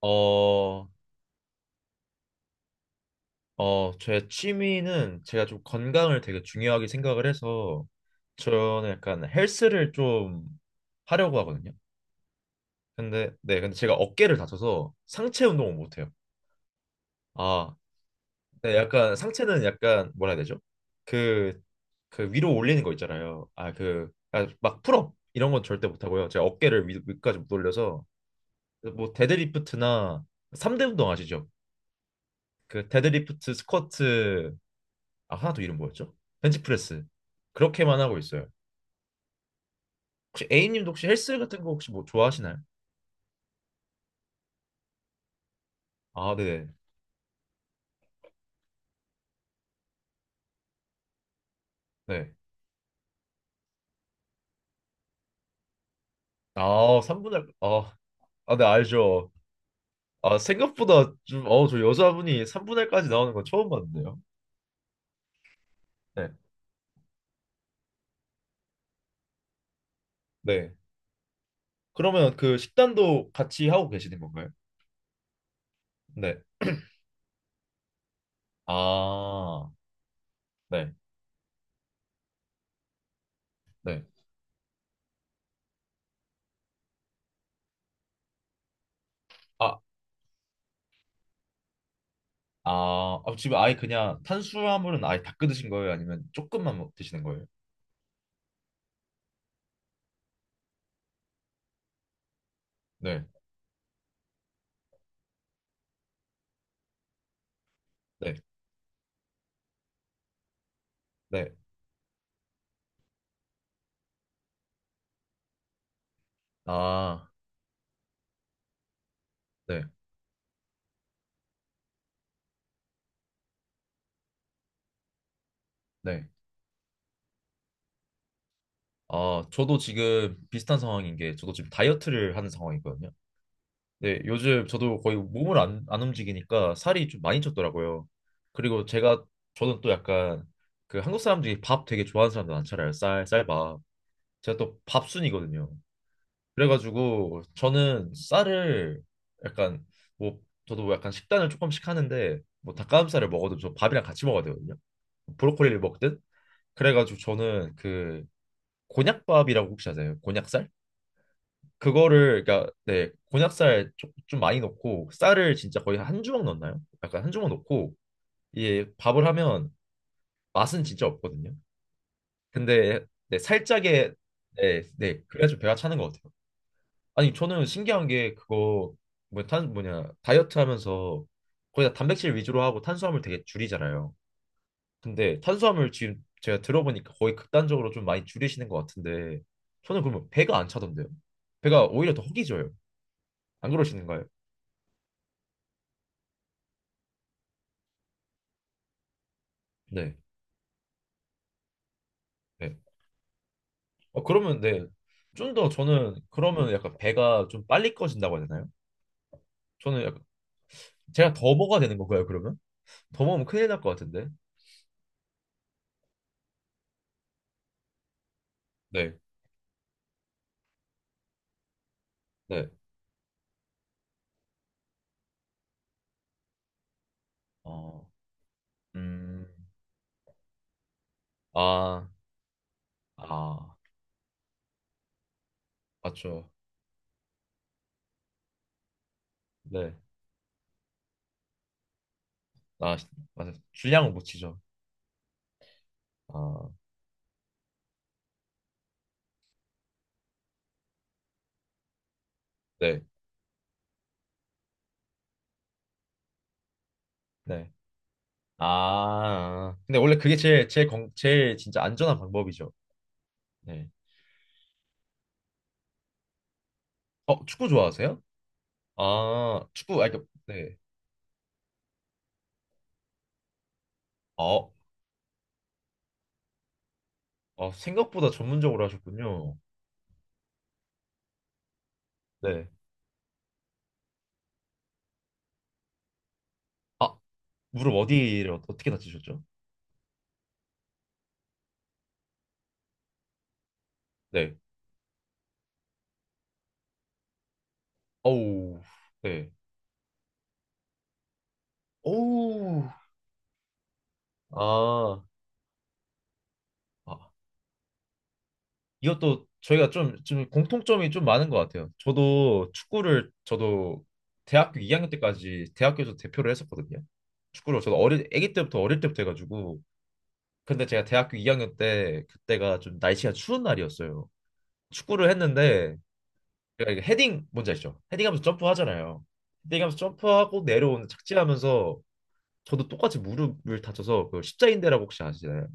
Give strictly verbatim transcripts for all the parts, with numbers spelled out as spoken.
어, 어, 제 취미는 제가 좀 건강을 되게 중요하게 생각을 해서 저는 약간 헬스를 좀 하려고 하거든요. 근데 네, 근데 제가 어깨를 다쳐서 상체 운동을 못 해요. 아, 네, 약간 상체는 약간 뭐라 해야 되죠? 그, 그 위로 올리는 거 있잖아요. 아, 그, 아, 막 풀업 이런 건 절대 못 하고요. 제가 어깨를 위, 위까지 못 올려서 뭐 데드리프트나 삼 대 운동 아시죠? 그 데드리프트, 스쿼트. 아, 하나 더 이름 뭐였죠? 벤치프레스. 그렇게만 하고 있어요. 혹시 A님도 혹시 헬스 같은 거 혹시 뭐 좋아하시나요? 아, 네네. 네. 아, 삼 분할, 아, 아, 네, 알죠. 아, 생각보다 좀, 어, 저 여자분이 삼 분할까지 나오는 건 처음 봤는데요. 네. 네. 그러면 그 식단도 같이 하고 계시는 건가요? 네. 아, 네. 네. 아, 아, 아, 지금 아예 그냥 탄수화물은 아예 다 끊으신 거예요? 아니면 조금만 먹- 드시는 거예요? 네. 네. 네. 아, 네. 네. 아, 저도 지금 비슷한 상황인 게 저도 지금 다이어트를 하는 상황이거든요. 네, 요즘 저도 거의 몸을 안, 안 움직이니까 살이 좀 많이 쪘더라고요. 그리고 제가 저는 또 약간 그 한국 사람들이 밥 되게 좋아하는 사람들 많잖아요. 쌀, 쌀밥. 제가 또 밥순이거든요. 그래가지고 저는 쌀을 약간 뭐 저도 약간 식단을 조금씩 하는데 뭐 닭가슴살을 먹어도 저 밥이랑 같이 먹어야 되거든요. 브로콜리를 먹든 그래가지고 저는 그 곤약밥이라고 혹시 아세요? 곤약쌀? 그거를 그러니까 네 곤약살 조- 좀 많이 넣고 쌀을 진짜 거의 한 주먹 넣나요? 약간 한 주먹 넣고 이게 밥을 하면 맛은 진짜 없거든요. 근데 네 살짝의 네네 그래야 좀 배가 차는 것 같아요. 아니 저는 신기한 게 그거 뭐탄 뭐냐 다이어트 하면서 거의 다 단백질 위주로 하고 탄수화물 되게 줄이잖아요. 근데 탄수화물 지금 제가 들어보니까 거의 극단적으로 좀 많이 줄이시는 것 같은데 저는 그러면 배가 안 차던데요. 배가 오히려 더 허기져요. 안 그러시는가요? 네. 네. 어, 그러면 네. 좀 더 저는 그러면 약간 배가 좀 빨리 꺼진다고 해야 되나요? 저는 약간 제가 더 먹어야 되는 건가요, 그러면? 더 먹으면 큰일 날 것 같은데. 네. 네. 어. 음. 아. 아. 맞죠. 네. 아, 맞아요. 줄량을 못 치죠. 아. 네. 네. 아. 근데 원래 그게 제일 제일 건 제일 진짜 안전한 방법이죠. 네. 어, 축구 좋아하세요? 아, 축구 아, 그러니까, 네. 어. 어, 생각보다 전문적으로 하셨군요. 네. 아, 무릎 어디를 어- 어떻게 다치셨죠? 네. 어우, 네. 오우. 아, 아, 이것도 저희가 좀, 좀 공통점이 좀 많은 것 같아요. 저도 축구를, 저도 대학교 이 학년 때까지 대학교에서 대표를 했었거든요. 축구를 저도 어릴, 아기 때부터 어릴 때부터 해가지고. 근데 제가 대학교 이 학년 때, 그때가 좀 날씨가 추운 날이었어요. 축구를 했는데, 제가 이게 헤딩, 뭔지 아시죠? 헤딩하면서 점프하잖아요. 헤딩하면서 점프하고 내려오는 착지하면서 저도 똑같이 무릎을 다쳐서 그 십자인대라고 혹시 아시나요?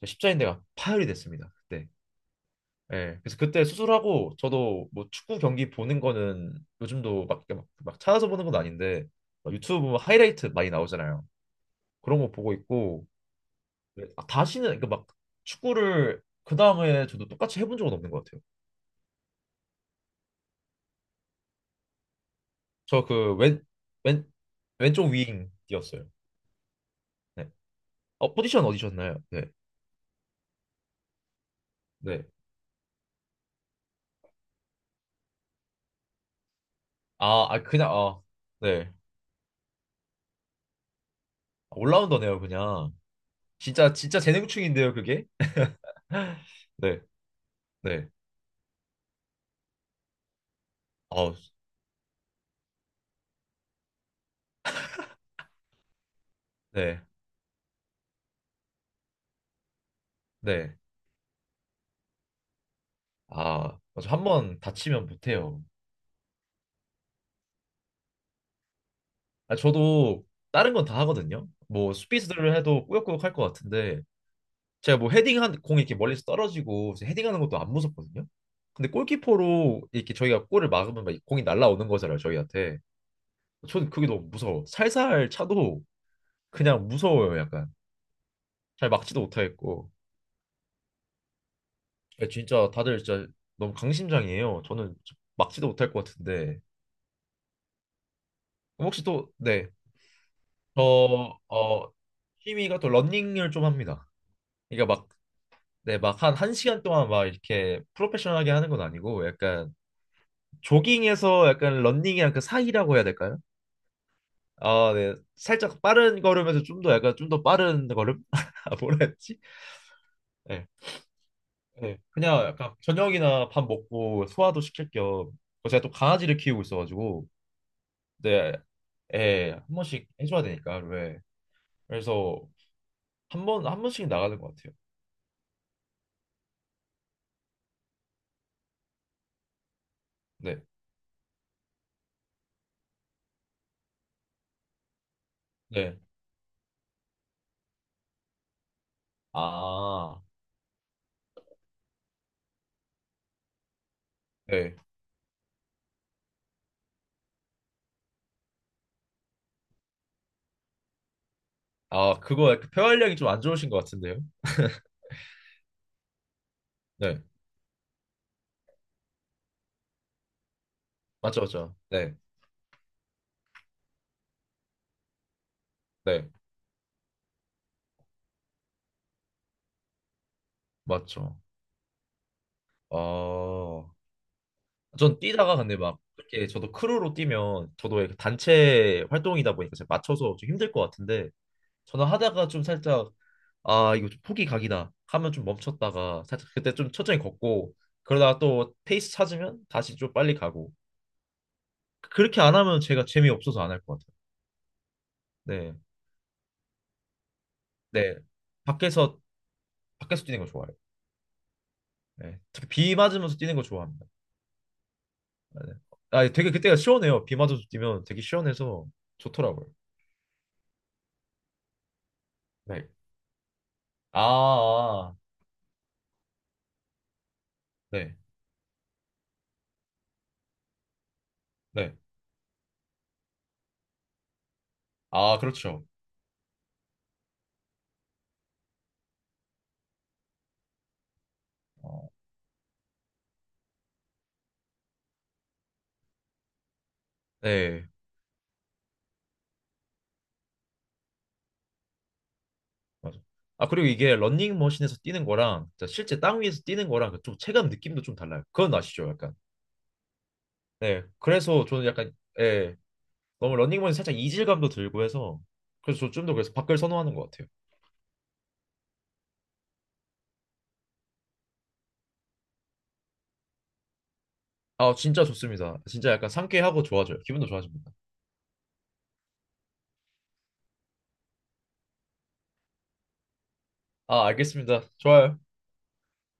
저 십자인대가 파열이 됐습니다. 그때. 예. 그래서 그때 수술하고 저도 뭐 축구 경기 보는 거는 요즘도 막, 이렇게 막, 막 찾아서 보는 건 아닌데 막 유튜브 뭐 하이라이트 많이 나오잖아요. 그런 거 보고 있고 예, 아, 다시는 그막 축구를 그 다음에 저도 똑같이 해본 적은 없는 것 같아요. 저 그 왼, 왼, 왼쪽 윙이었어요. 네. 어, 포지션 어디셨나요? 네. 네. 아, 아 그냥 아, 네. 아, 올라운더네요, 그냥. 진짜 진짜 재능충인데요, 그게. 네, 네, 아, 네, 네, 아, 한번 다치면 못해요. 아, 저도 다른 건 다 하거든요. 뭐 수비수들을 해도 꾸역꾸역 할 것 같은데 제가 뭐 헤딩한 공이 이렇게 멀리서 떨어지고 이제 헤딩하는 것도 안 무섭거든요. 근데 골키퍼로 이렇게 저희가 골을 막으면 막 공이 날아오는 거잖아요, 저희한테. 저는 그게 너무 무서워. 살살 차도 그냥 무서워요, 약간. 잘 막지도 못하겠고. 야, 진짜 다들 진짜 너무 강심장이에요. 저는 막지도 못할 것 같은데. 그럼 혹시 또, 네. 저, 어, 취미가 또 런닝을 좀 합니다. 그러니까 막, 네, 막 한 한시간 동안 막 이렇게 프로페셔널하게 하는 건 아니고 약간 조깅에서 약간 런닝이랑 그 사이라고 해야 될까요? 아, 네. 살짝 빠른 걸음에서 좀 더 약간 좀 더 빠른 걸음? 아, 뭐라 했지? 네. 네. 그냥 약간 저녁이나 밥 먹고 소화도 시킬 겸 제가 또 강아지를 키우고 있어가지고 내 애 한 번씩 해줘야 되니까 왜? 그래서 한 번 한 번씩 나가는 것 같아요. 네, 네, 아, 네, 아 그거 약간 폐활량이 좀 안 좋으신 것 같은데요? 네, 맞죠, 맞죠. 네, 네, 맞죠. 어, 전 뛰다가 근데 막 이렇게 저도 크루로 뛰면 저도 이렇게 단체 활동이다 보니까 제가 맞춰서 좀 힘들 것 같은데 저는 하다가 좀 살짝 아 이거 좀 포기 각이다 하면 좀 멈췄다가 살짝 그때 좀 천천히 걷고 그러다가 또 페이스 찾으면 다시 좀 빨리 가고 그렇게 안 하면 제가 재미없어서 안 할 것 같아요. 네. 네. 밖에서 밖에서 뛰는 거 좋아해요. 네. 특히 비 맞으면서 뛰는 거 좋아합니다. 네. 아 되게 그때가 시원해요. 비 맞아서 뛰면 되게 시원해서 좋더라고요. 네. 아, 아. 아. 네. 네. 아, 그렇죠. 어, 네. 맞아. 아, 그리고 이게 런닝머신에서 뛰는 거랑 진짜 실제 땅 위에서 뛰는 거랑 그좀 체감 느낌도 좀 달라요. 그건 아시죠? 약간. 네. 그래서 저는 약간, 예. 너무 런닝머신 살짝 이질감도 들고 해서 그래서 저 좀 더 그래서 밖을 선호하는 것 같아요. 아, 진짜 좋습니다. 진짜 약간 상쾌하고 좋아져요. 기분도 좋아집니다. 아, 알겠습니다. 좋아요.